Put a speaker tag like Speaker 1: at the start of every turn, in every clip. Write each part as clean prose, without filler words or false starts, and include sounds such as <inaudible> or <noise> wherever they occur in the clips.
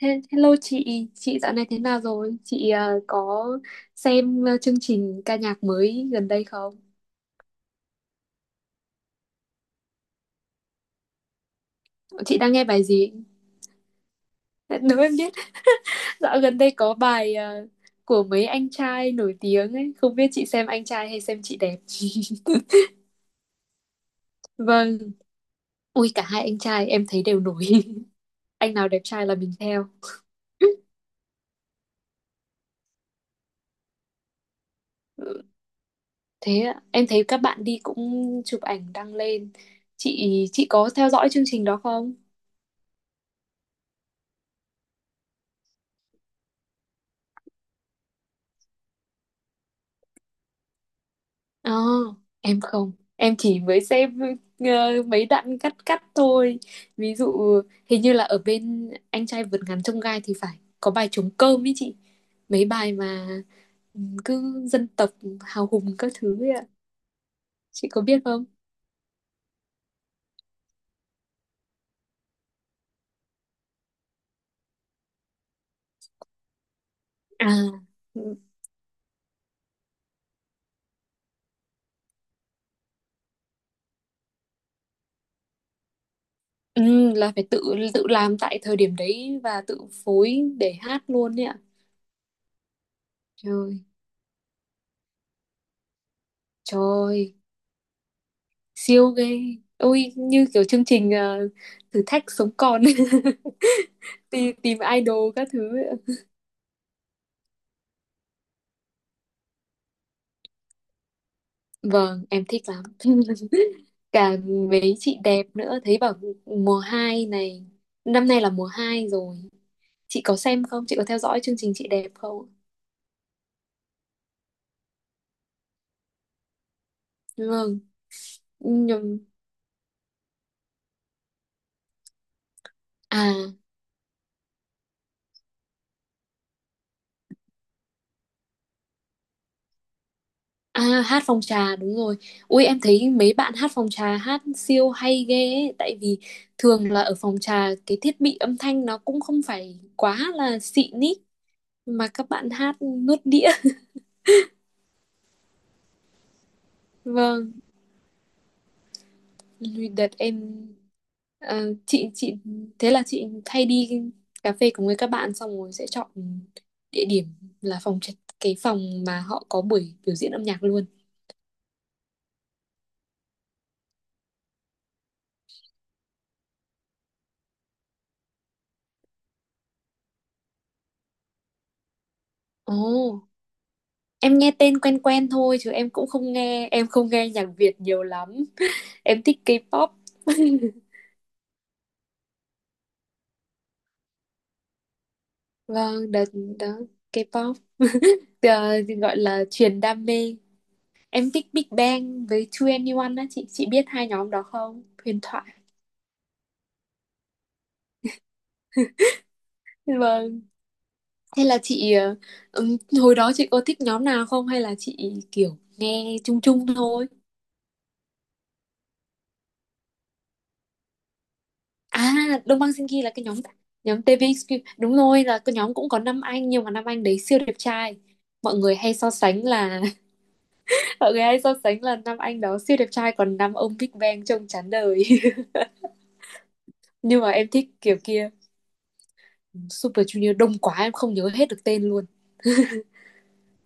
Speaker 1: Hello chị dạo này thế nào rồi? Chị có xem chương trình ca nhạc mới gần đây không? Chị đang nghe bài gì? Nếu em biết, <laughs> dạo gần đây có bài của mấy anh trai nổi tiếng ấy, không biết chị xem anh trai hay xem chị đẹp. <laughs> Vâng, ui cả hai anh trai em thấy đều nổi. <laughs> Anh nào đẹp trai là mình theo. Ừ, thế ạ. Em thấy các bạn đi cũng chụp ảnh đăng lên. Chị có theo dõi chương trình đó không? Ờ, em không, em chỉ mới xem mấy đoạn cắt cắt thôi. Ví dụ hình như là ở bên anh trai vượt ngàn chông gai thì phải có bài trống cơm ý chị. Mấy bài mà ừ, cứ dân tộc hào hùng các thứ ấy ạ. Chị có biết không? À, ừ, là phải tự tự làm tại thời điểm đấy và tự phối để hát luôn ấy ạ. Trời, trời, siêu ghê. Ôi, như kiểu chương trình thử thách sống còn. <laughs> Tìm idol các thứ. Vâng, em thích lắm. <laughs> Cả mấy chị đẹp nữa thấy bảo mùa 2 này, năm nay là mùa 2 rồi. Chị có xem không, chị có theo dõi chương trình chị đẹp không? Vâng, nhưng à. À, hát phòng trà đúng rồi. Ui em thấy mấy bạn hát phòng trà hát siêu hay ghê ấy, tại vì thường là ở phòng trà cái thiết bị âm thanh nó cũng không phải quá là xịn ý, mà các bạn hát nuốt đĩa. <laughs> Vâng, đợt em. Ờ, chị thế là chị hay đi cà phê cùng với các bạn xong rồi sẽ chọn địa điểm là cái phòng mà họ có buổi biểu diễn âm nhạc luôn. Ồ, em nghe tên quen quen thôi chứ em cũng không nghe, em không nghe nhạc Việt nhiều lắm. Em thích K-pop. <laughs> Vâng, đợt đó K-pop. Ờ, thì gọi là truyền đam mê. Em thích Big Bang với 2NE1 á chị biết hai nhóm đó không? Huyền thoại. Vâng. Thế là chị hồi đó chị có thích nhóm nào không hay là chị kiểu nghe chung chung thôi? À, Đông Bang Sinki là cái nhóm nhóm TVXQ. Đúng rồi là cái nhóm cũng có năm anh nhưng mà năm anh đấy siêu đẹp trai. Mọi người hay so sánh là <laughs> mọi người hay so sánh là năm anh đó siêu đẹp trai còn năm ông Big Bang trông chán đời. <laughs> Nhưng mà em thích kiểu kia. Super Junior đông quá em không nhớ hết được tên luôn.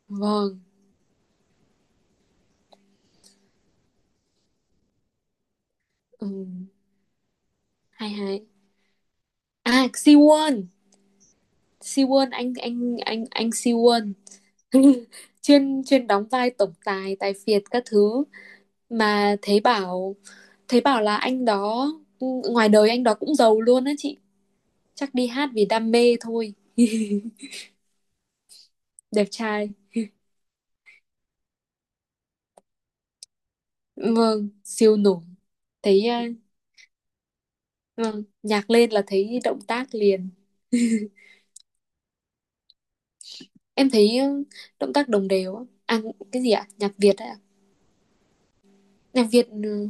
Speaker 1: Vâng. Ừ, hay hay. À, Siwon. Siwon, anh Siwon. <laughs> chuyên chuyên đóng vai tổng tài, tài phiệt các thứ, mà thấy bảo, thấy bảo là anh đó ừ, ngoài đời anh đó cũng giàu luôn á chị, chắc đi hát vì đam mê thôi. Đẹp trai. Vâng, siêu nổi. Thấy vâng nhạc lên là thấy động tác liền. Em thấy động tác đồng đều á. À, cái gì ạ, nhạc Việt á? Nhạc Việt ừ,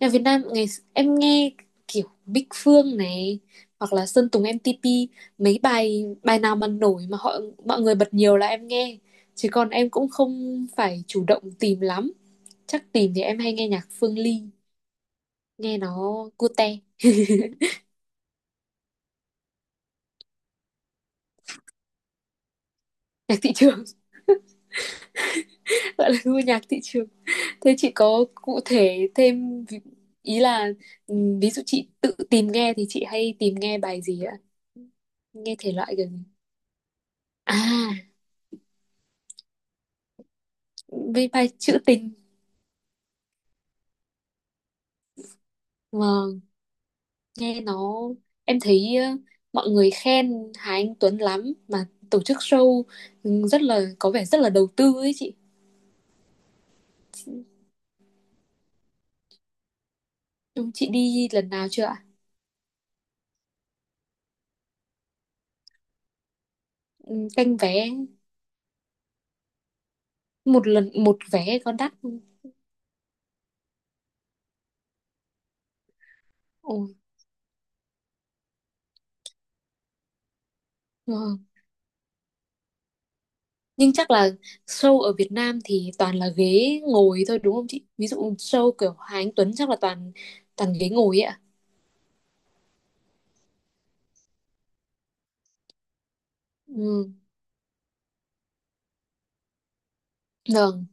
Speaker 1: nhạc Việt Nam ngày. Em nghe kiểu Bích Phương này, hoặc là Sơn Tùng MTP, mấy bài bài nào mà nổi mà họ, mọi người bật nhiều là em nghe, chứ còn em cũng không phải chủ động tìm lắm. Chắc tìm thì em hay nghe nhạc Phương Ly, nghe nó cute. Nhạc thị trường. <laughs> gọi là gu nhạc thị trường. Thế chị có cụ thể thêm ý là ừ, ví dụ chị tự tìm nghe thì chị hay tìm nghe bài gì ạ? Nghe thể loại gần. À, với bài trữ tình. Vâng, nghe nó, em thấy mọi người khen Hà Anh Tuấn lắm, mà tổ chức show ừ, rất là có vẻ rất là đầu tư ấy chị. Chúng chị đi lần nào chưa ạ? Ừ, canh vé. Một lần một vé có đắt không? Ôi, vâng. Nhưng chắc là show ở Việt Nam thì toàn là ghế ngồi thôi đúng không chị? Ví dụ show kiểu Hà Anh Tuấn chắc là toàn toàn ghế ngồi ấy ạ. Ừ, vâng,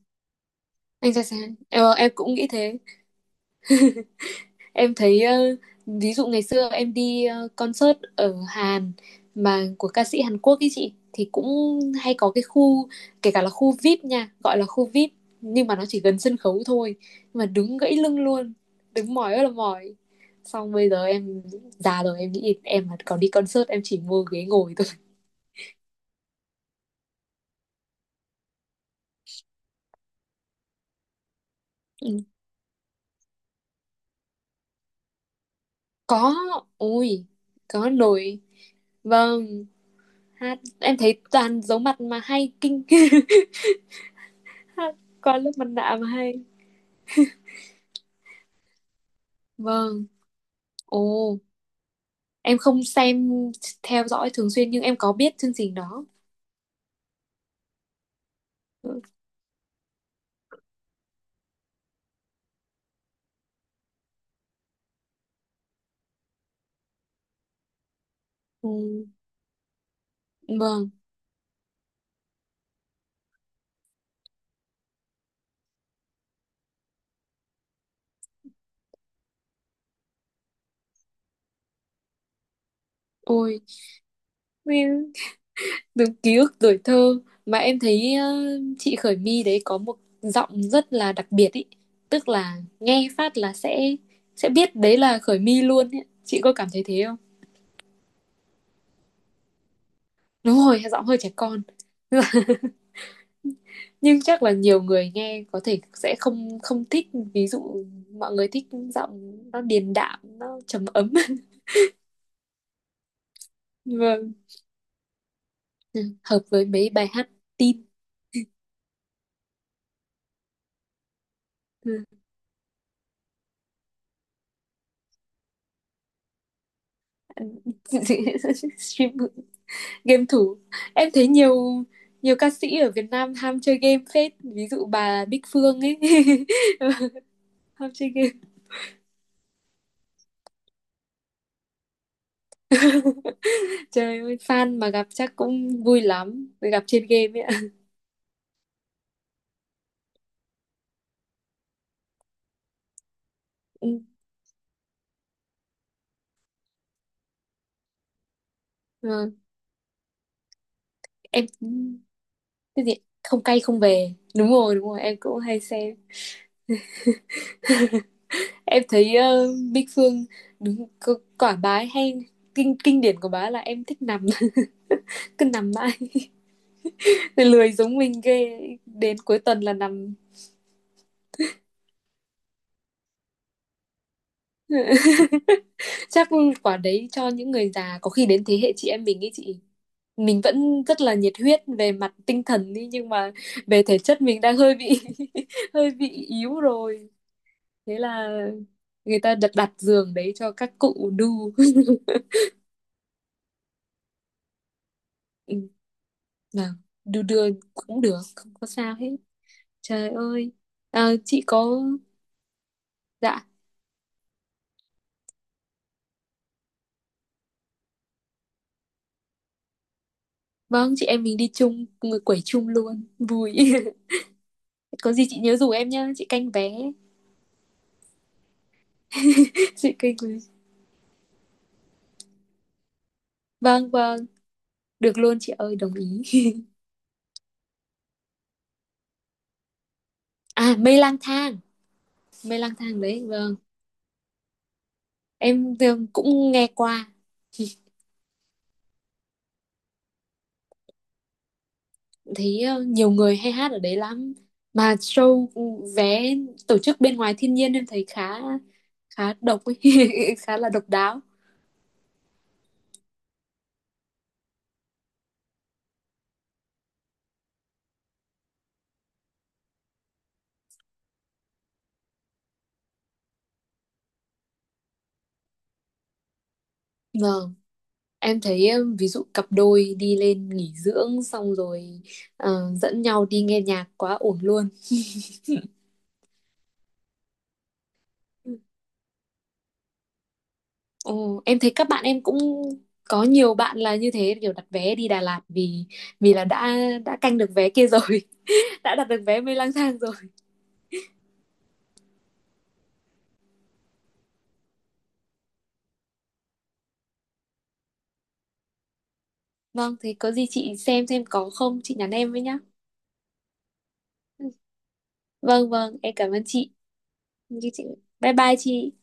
Speaker 1: anh ra sao? Ờ, em cũng nghĩ thế. Em thấy ví dụ ngày xưa em đi concert ở Hàn mà của ca sĩ Hàn Quốc ấy chị, thì cũng hay có cái khu, kể cả là khu VIP nha, gọi là khu VIP nhưng mà nó chỉ gần sân khấu thôi, nhưng mà đứng gãy lưng luôn, đứng mỏi ơi là mỏi. Xong bây giờ em già rồi, em nghĩ em mà còn đi concert em chỉ mua ghế ngồi thôi. <laughs> Ừ, có, ui, có nổi. Vâng, hát em thấy toàn giấu mặt mà hay kinh. <laughs> Hát quá lớp mặt nạ mà hay. Vâng. Ồ, em không xem theo dõi thường xuyên nhưng em có biết chương trình đó. Ừ, vâng, ôi, nguyên từng ký ức tuổi thơ. Mà em thấy chị Khởi My đấy có một giọng rất là đặc biệt ý, tức là nghe phát là sẽ biết đấy là Khởi My luôn ý. Chị có cảm thấy thế không? Đúng rồi, giọng hơi trẻ con. <laughs> Nhưng chắc là nhiều người nghe có thể sẽ không không thích, ví dụ mọi người thích giọng nó điềm đạm, nó trầm ấm. <laughs> Vâng. Ừ, hợp với mấy bài hát tin. Ừ. <laughs> Stream, game thủ. Em thấy nhiều nhiều ca sĩ ở Việt Nam ham chơi game phết, ví dụ bà Bích Phương ấy. <laughs> Ham chơi game. <laughs> Trời ơi fan mà gặp chắc cũng vui lắm, gặp trên game ấy ạ. Ừ, vâng. Em, cái gì, không cay không về. Đúng rồi đúng rồi em cũng hay xem. Em thấy Bích Phương đúng quả bá hay, kinh, kinh điển của bá là em thích nằm. <laughs> Cứ nằm mãi, lười giống mình ghê, đến cuối tuần là nằm. <laughs> Chắc quả đấy cho những người già, có khi đến thế hệ chị em mình ấy chị, mình vẫn rất là nhiệt huyết về mặt tinh thần đi nhưng mà về thể chất mình đang hơi bị <laughs> hơi bị yếu rồi. Thế là người ta đặt đặt giường đấy cho các cụ đu. <laughs> Ừ, nào đu đưa cũng được không có sao hết. Trời ơi. À, chị có, dạ vâng, chị em mình đi chung, người quẩy chung luôn vui. <laughs> Có gì chị nhớ rủ em nhá, chị canh vé. <laughs> Chị canh vé, vâng vâng, được luôn chị ơi, đồng ý. <laughs> À, mây lang thang, mây lang thang đấy vâng. Em cũng nghe qua. <laughs> thấy nhiều người hay hát ở đấy lắm, mà show, vé, tổ chức bên ngoài thiên nhiên em thấy khá khá độc ấy. <laughs> Khá là độc đáo. Vâng em thấy ví dụ cặp đôi đi lên nghỉ dưỡng xong rồi dẫn nhau đi nghe nhạc quá ổn luôn. Ồ, em thấy các bạn em cũng có nhiều bạn là như thế, kiểu đặt vé đi Đà Lạt vì, vì là đã canh được vé kia rồi. <laughs> Đã đặt được vé mê lang thang rồi. Vâng, thế có gì chị xem có không chị nhắn em với nhá. Vâng vâng, em cảm ơn chị. Như chị, bye bye chị.